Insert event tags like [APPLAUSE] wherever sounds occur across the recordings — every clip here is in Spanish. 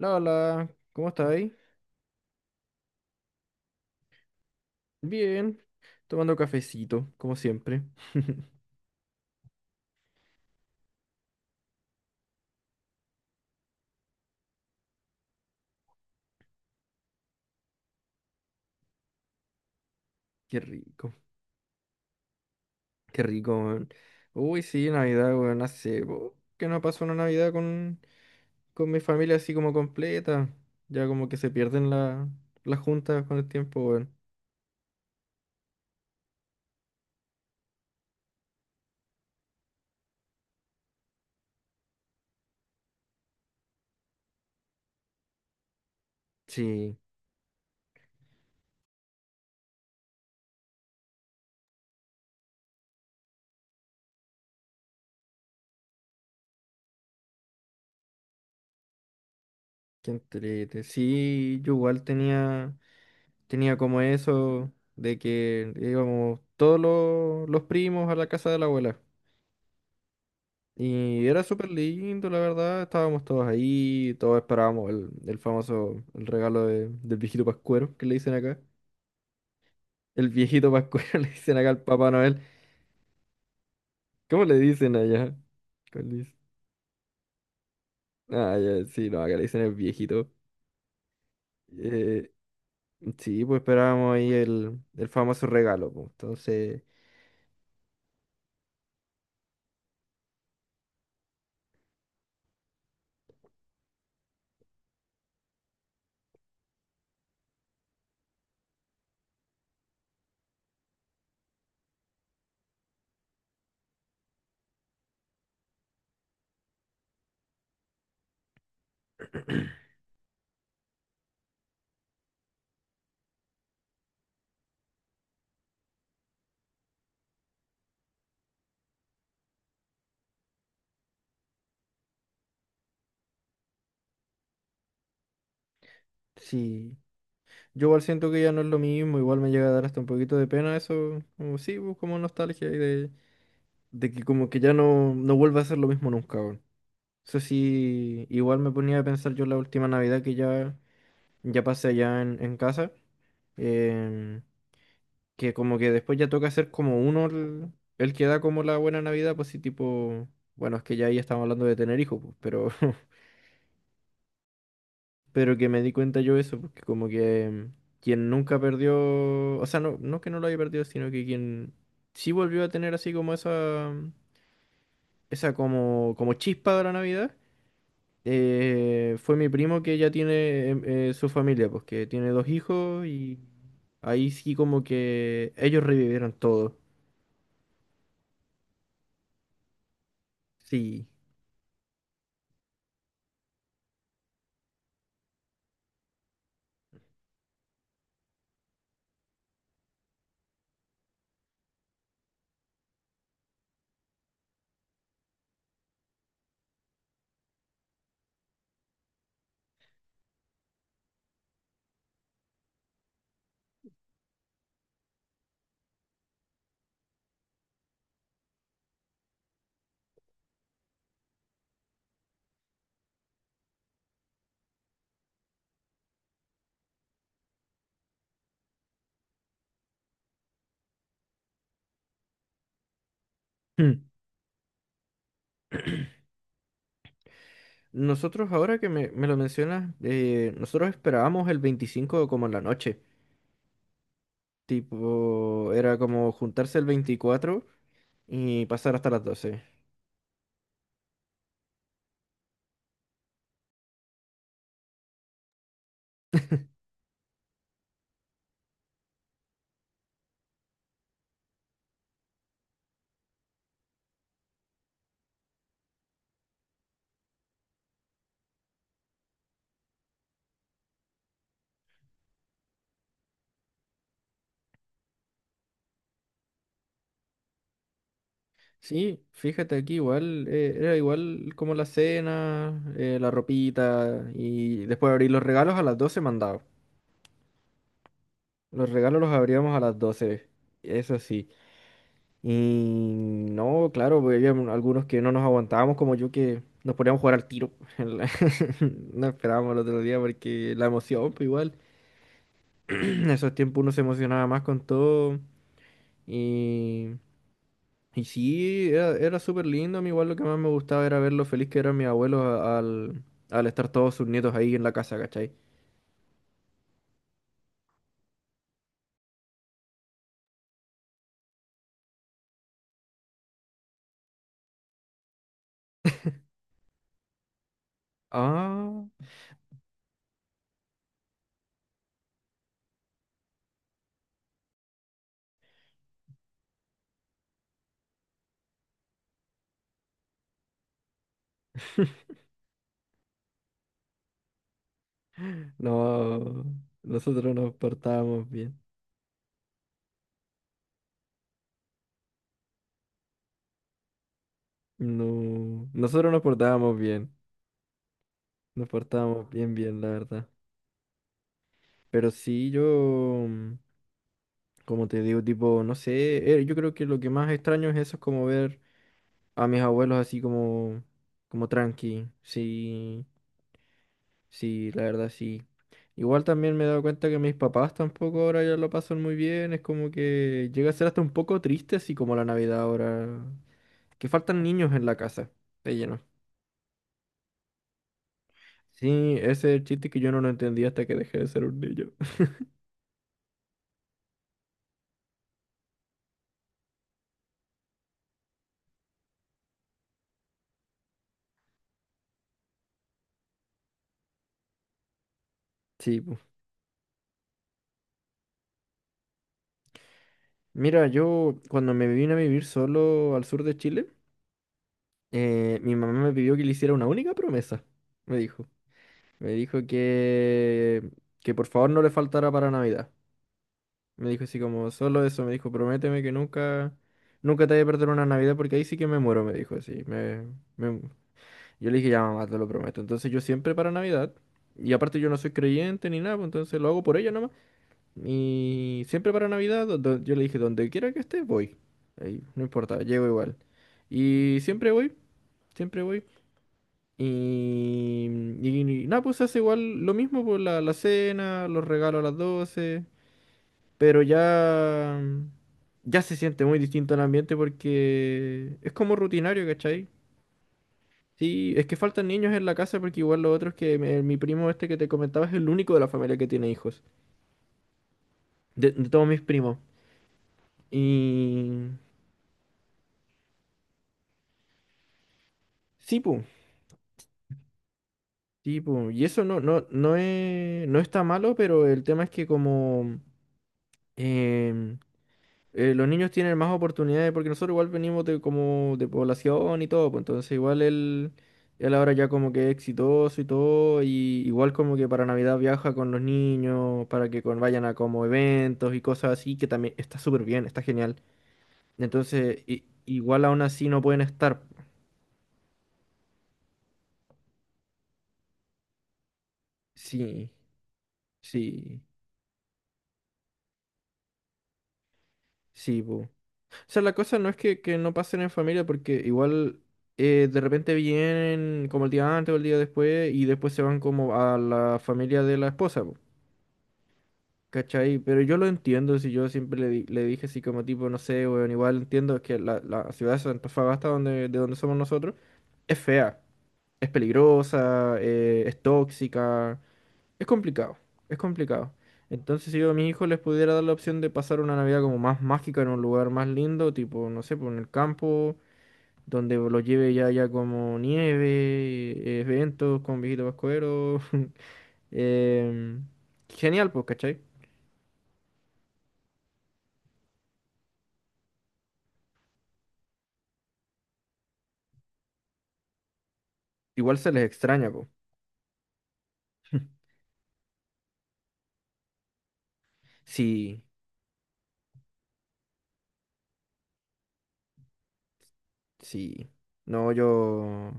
¿Cómo estáis? Bien, tomando cafecito, como siempre. [LAUGHS] Qué rico, qué rico, weón. Uy, sí, Navidad, weón, hace po, que no pasó una Navidad con mi familia así como completa. Ya como que se pierden las juntas con el tiempo, weón. Sí, qué entrete. Sí, yo igual tenía como eso de que íbamos todos los primos a la casa de la abuela. Y era súper lindo, la verdad. Estábamos todos ahí, todos esperábamos el famoso el regalo del viejito Pascuero, que le dicen acá. El viejito Pascuero [LAUGHS] le dicen acá al Papá Noel. ¿Cómo le dicen allá? ¿Cuál dice? Ah, ya, sí, no, acá le dicen el viejito. Eh, sí, pues esperábamos ahí el famoso regalo, pues. Entonces, sí. Yo igual siento que ya no es lo mismo, igual me llega a dar hasta un poquito de pena eso. Como, sí, pues, como nostalgia y de que como que ya no vuelva a ser lo mismo nunca, weón. Eso sí, igual me ponía a pensar yo la última Navidad que ya pasé allá en casa, em, que como que después ya toca ser como uno el que da como la buena Navidad, pues sí, tipo, bueno, es que ya ahí estamos hablando de tener hijos, pues, pero, [LAUGHS] pero que me di cuenta yo eso, porque como que quien nunca perdió, o sea, no que no lo haya perdido, sino que quien sí volvió a tener así como esa, esa como chispa de la Navidad. Fue mi primo que ya tiene su familia, pues que tiene dos hijos, y ahí sí como que ellos revivieron todo. Sí. Hmm. [LAUGHS] Nosotros ahora que me lo mencionas, nosotros esperábamos el 25 como en la noche. Tipo, era como juntarse el 24 y pasar hasta las 12. Sí, fíjate aquí igual, era igual como la cena, la ropita y después abrir los regalos a las 12 mandado. Los regalos los abríamos a las 12, eso sí. Y no, claro, porque había algunos que no nos aguantábamos, como yo, que nos poníamos a jugar al tiro. [LAUGHS] en la- [LAUGHS] No esperábamos el otro día porque la emoción, pues igual. [CLEARS THROAT] En esos tiempos uno se emocionaba más con todo. Y, y sí, era súper lindo. A mí igual lo que más me gustaba era ver lo feliz que eran mis abuelos al estar todos sus nietos ahí en la casa, ¿cachai? Ah, [LAUGHS] no, nosotros nos portábamos bien. No, nosotros nos portábamos bien, bien, la verdad. Pero sí, yo, mm, como te digo, tipo, no sé, yo creo que lo que más extraño es eso, es como ver a mis abuelos así como tranqui. Sí, sí, la verdad, sí. Igual también me he dado cuenta que mis papás tampoco ahora ya lo pasan muy bien, es como que llega a ser hasta un poco triste, así como la Navidad ahora, que faltan niños en la casa, de lleno. Sí, ese es el chiste que yo no lo entendí hasta que dejé de ser un niño. Sí, po. Mira, yo cuando me vine a vivir solo al sur de Chile, mi mamá me pidió que le hiciera una única promesa, me dijo. Me dijo que por favor no le faltara para Navidad. Me dijo así como, solo eso, me dijo, prométeme que nunca, nunca te voy a perder una Navidad porque ahí sí que me muero, me dijo así. Me- Yo le dije, ya mamá, te lo prometo. Entonces yo siempre para Navidad, y aparte yo no soy creyente ni nada, pues entonces lo hago por ella nomás. Y siempre para Navidad, yo le dije, donde quiera que esté, voy. Ahí, no importa, llego igual. Y siempre voy, siempre voy. Y, y nada, pues se hace igual lo mismo por la cena, los regalos a las doce. Pero ya se siente muy distinto el ambiente porque es como rutinario, ¿cachai? Sí, es que faltan niños en la casa porque igual los otros que mi primo este que te comentaba es el único de la familia que tiene hijos. De todos mis primos. Y. Sí, pu, sí, pu, y eso no es, no está malo, pero el tema es que como em, los niños tienen más oportunidades, porque nosotros igual venimos de como de población y todo, pues entonces igual él ahora ya como que es exitoso y todo, y igual como que para Navidad viaja con los niños, para que vayan a como eventos y cosas así, que también está súper bien, está genial. Entonces, igual aún así no pueden estar. Sí, sí, sí, pu. O sea, la cosa no es que no pasen en familia, porque igual de repente vienen como el día antes o el día después y después se van como a la familia de la esposa, po, ¿cachai? Pero yo lo entiendo, si yo siempre le dije así como tipo, no sé, weón, igual entiendo que la ciudad de Santa Antofagasta, de donde somos nosotros, es fea, es peligrosa, es tóxica, es complicado, es complicado. Entonces, si yo a mis hijos les pudiera dar la opción de pasar una Navidad como más mágica en un lugar más lindo, tipo, no sé, por en el campo donde lo lleve ya, como nieve, eventos con Viejito Pascuero. [LAUGHS] em, Genial, pues, ¿cachai? Igual se les extraña, pues. [LAUGHS] Sí, sí. No, yo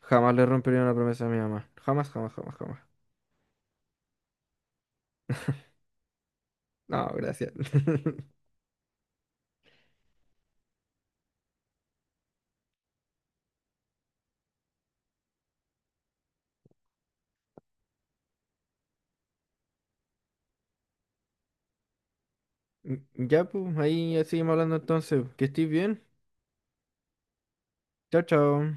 jamás le rompería una promesa a mi mamá. Jamás, jamás, jamás, jamás. No, gracias. [LAUGHS] Ya, pues, ahí seguimos hablando entonces. Que estés bien. Chao, chao.